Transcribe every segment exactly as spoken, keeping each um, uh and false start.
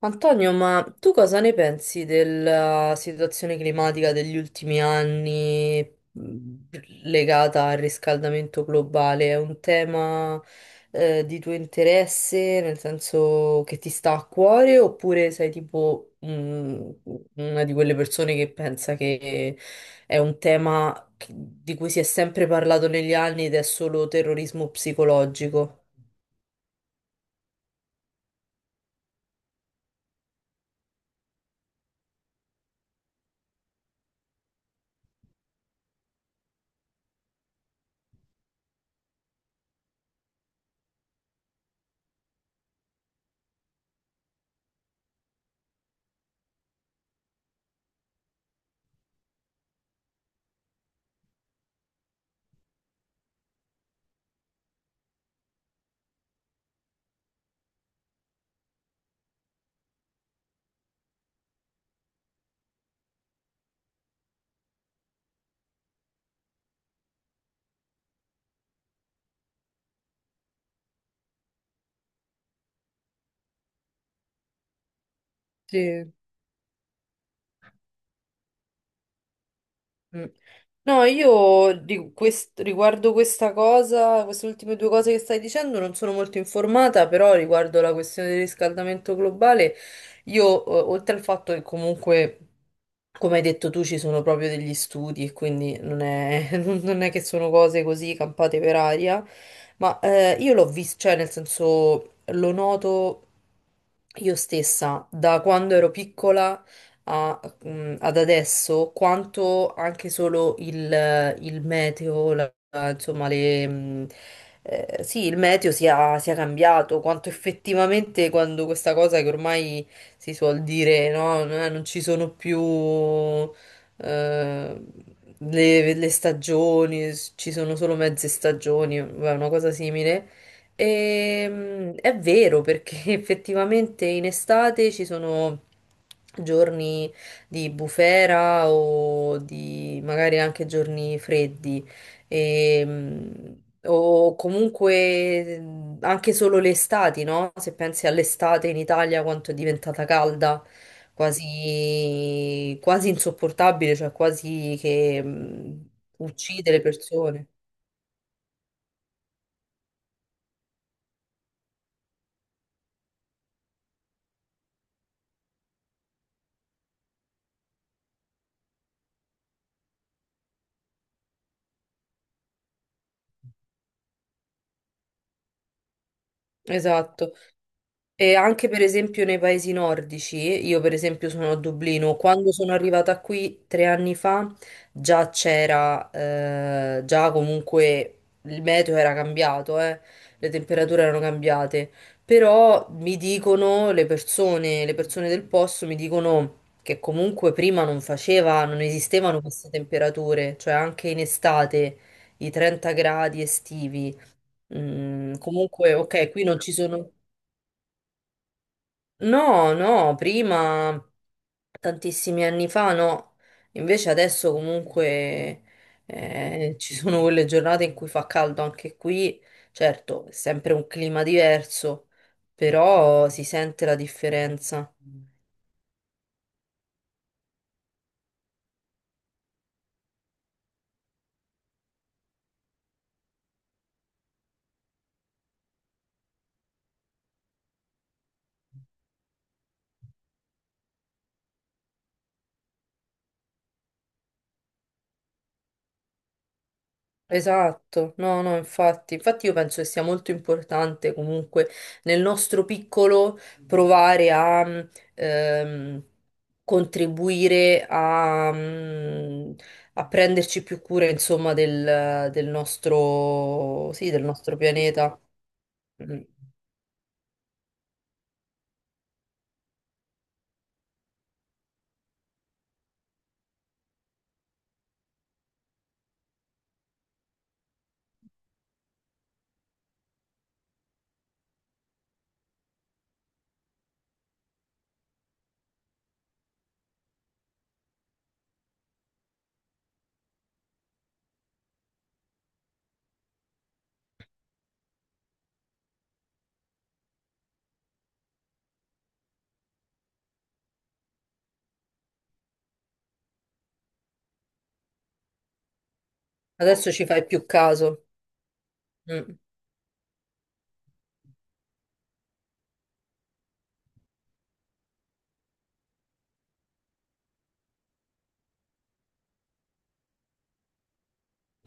Antonio, ma tu cosa ne pensi della situazione climatica degli ultimi anni mh, legata al riscaldamento globale? È un tema, eh, di tuo interesse, nel senso che ti sta a cuore, oppure sei tipo, mh, una di quelle persone che pensa che è un tema che- di cui si è sempre parlato negli anni ed è solo terrorismo psicologico? Sì. Mm. No, io di quest- riguardo questa cosa, queste ultime due cose che stai dicendo, non sono molto informata, però riguardo la questione del riscaldamento globale, io, eh, oltre al fatto che comunque, come hai detto tu, ci sono proprio degli studi e quindi non è, non è che sono cose così campate per aria, ma eh, io l'ho visto, cioè nel senso lo noto io stessa da quando ero piccola mh, ad adesso quanto anche solo il, il meteo, la- la- insomma, le, mh, eh, sì, il meteo sia, sia cambiato, quanto effettivamente quando questa cosa che ormai si suol dire, no, eh, non ci sono più eh, le, le stagioni, ci sono solo mezze stagioni, vabbè, una cosa simile. Ehm, è vero perché effettivamente in estate ci sono giorni di bufera o di magari anche giorni freddi e, mm, o comunque mm, anche solo le estati, no? Se pensi all'estate in Italia quanto è diventata calda, quasi, quasi insopportabile, cioè quasi che mm, uccide le persone. Esatto. E anche per esempio nei paesi nordici, io per esempio sono a Dublino, quando sono arrivata qui tre anni fa già c'era, eh, già comunque il meteo era cambiato, eh, le temperature erano cambiate, però mi dicono le persone, le persone del posto mi dicono che comunque prima non faceva, non esistevano queste temperature, cioè anche in estate i trenta gradi estivi. Mm, comunque, ok, qui non ci sono. No, no, prima tantissimi anni fa no, invece adesso comunque eh, ci sono quelle giornate in cui fa caldo anche qui, certo, è sempre un clima diverso, però si sente la differenza. Esatto, no, no, infatti, infatti io penso che sia molto importante comunque nel nostro piccolo provare a mh, ehm, contribuire a, mh, a prenderci più cura, insomma, del, del nostro, sì, del nostro pianeta. Mm. Adesso ci fai più caso. Mm.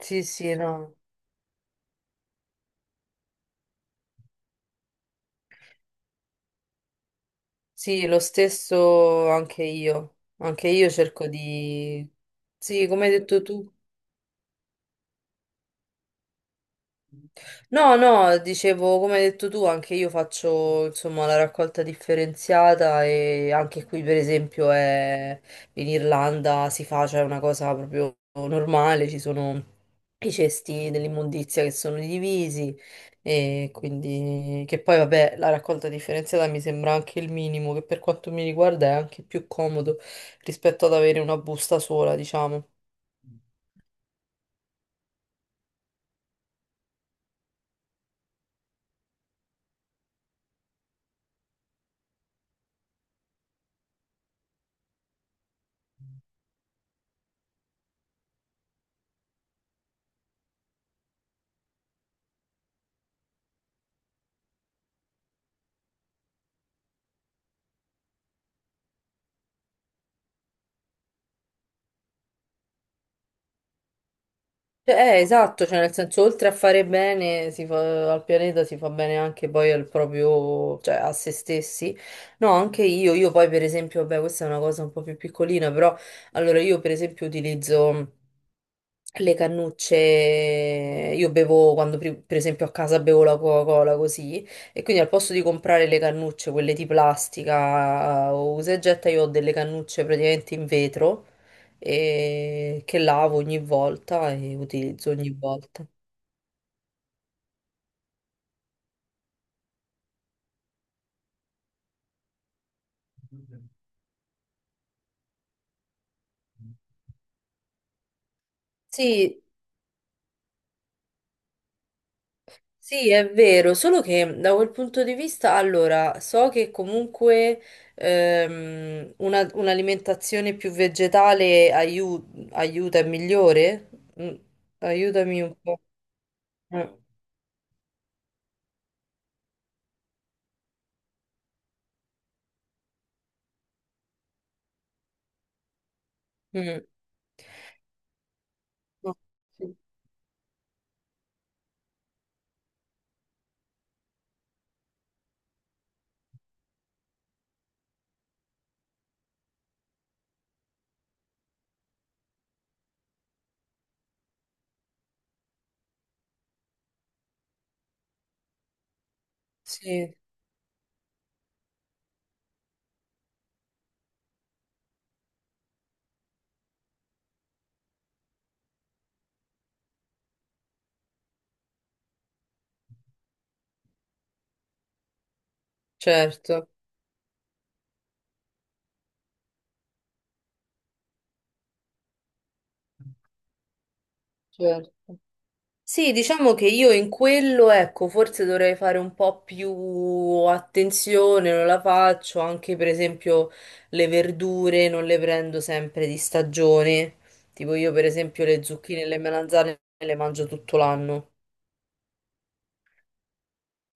Sì, sì, no. Sì, lo stesso anche io. Anche io cerco di... Sì, come hai detto tu. No, no, dicevo, come hai detto tu, anche io faccio insomma la raccolta differenziata e anche qui per esempio è- in Irlanda si fa, cioè è una cosa proprio normale, ci sono i cesti dell'immondizia che sono divisi e quindi che poi vabbè la raccolta differenziata mi sembra anche il minimo, che per quanto mi riguarda è anche più comodo rispetto ad avere una busta sola, diciamo. Cioè, eh, esatto, cioè nel senso, oltre a fare bene si fa- al pianeta, si fa bene anche poi al proprio, cioè a se stessi. No, anche io, io, poi per esempio, vabbè, questa è una cosa un po' più piccolina, però allora io per esempio utilizzo le cannucce, io bevo quando pri- per esempio a casa bevo la Coca-Cola così, e quindi al posto di comprare le cannucce, quelle di plastica o usa e getta, io ho delle cannucce praticamente in vetro e che lavo ogni volta e utilizzo ogni volta. Sì, sì, è vero, solo che da quel punto di vista, allora, so che comunque ehm, una- un'alimentazione più vegetale aiu- aiuta, è migliore? Mm, aiutami un po'. Mm, mm. Sì, certo. certo. Sì, diciamo che io in quello, ecco, forse dovrei fare un po' più attenzione, non la faccio, anche per esempio le verdure non le prendo sempre di stagione, tipo io per esempio le zucchine e le melanzane le mangio tutto l'anno,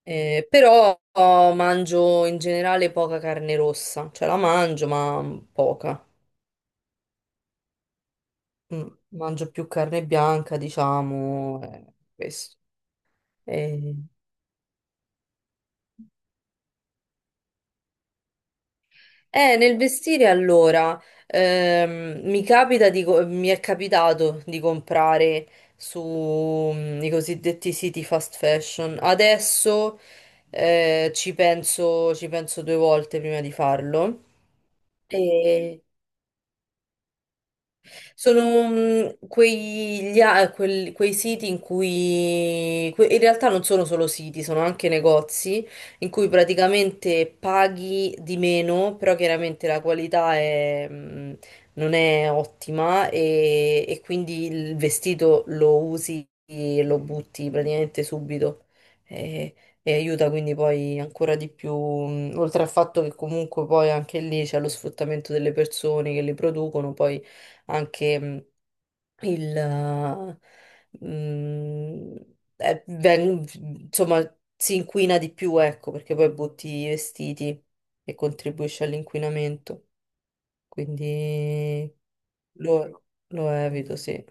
Eh, però oh, mangio in generale poca carne rossa, cioè la mangio ma poca, Mm, mangio più carne bianca, diciamo, eh, questo. Eh, Eh, nel vestire allora, ehm, mi capita di co- mi è capitato di comprare su mm, i cosiddetti siti fast fashion. Adesso eh, ci penso, ci penso due volte prima di farlo. E sono mm, quegli, a- quel- quei siti in cui que- in realtà non sono solo siti, sono anche negozi in cui praticamente paghi di meno, però chiaramente la qualità è, mm, non è ottima e, e quindi il vestito lo usi e lo butti praticamente subito. E, e aiuta quindi poi ancora di più, mm, oltre al fatto che comunque poi anche lì c'è lo sfruttamento delle persone che li producono, poi anche mm, il... eh, mm, eh, veng- insomma, si inquina di più, ecco, perché poi butti i vestiti e contribuisce all'inquinamento. Quindi lo, lo evito, sì.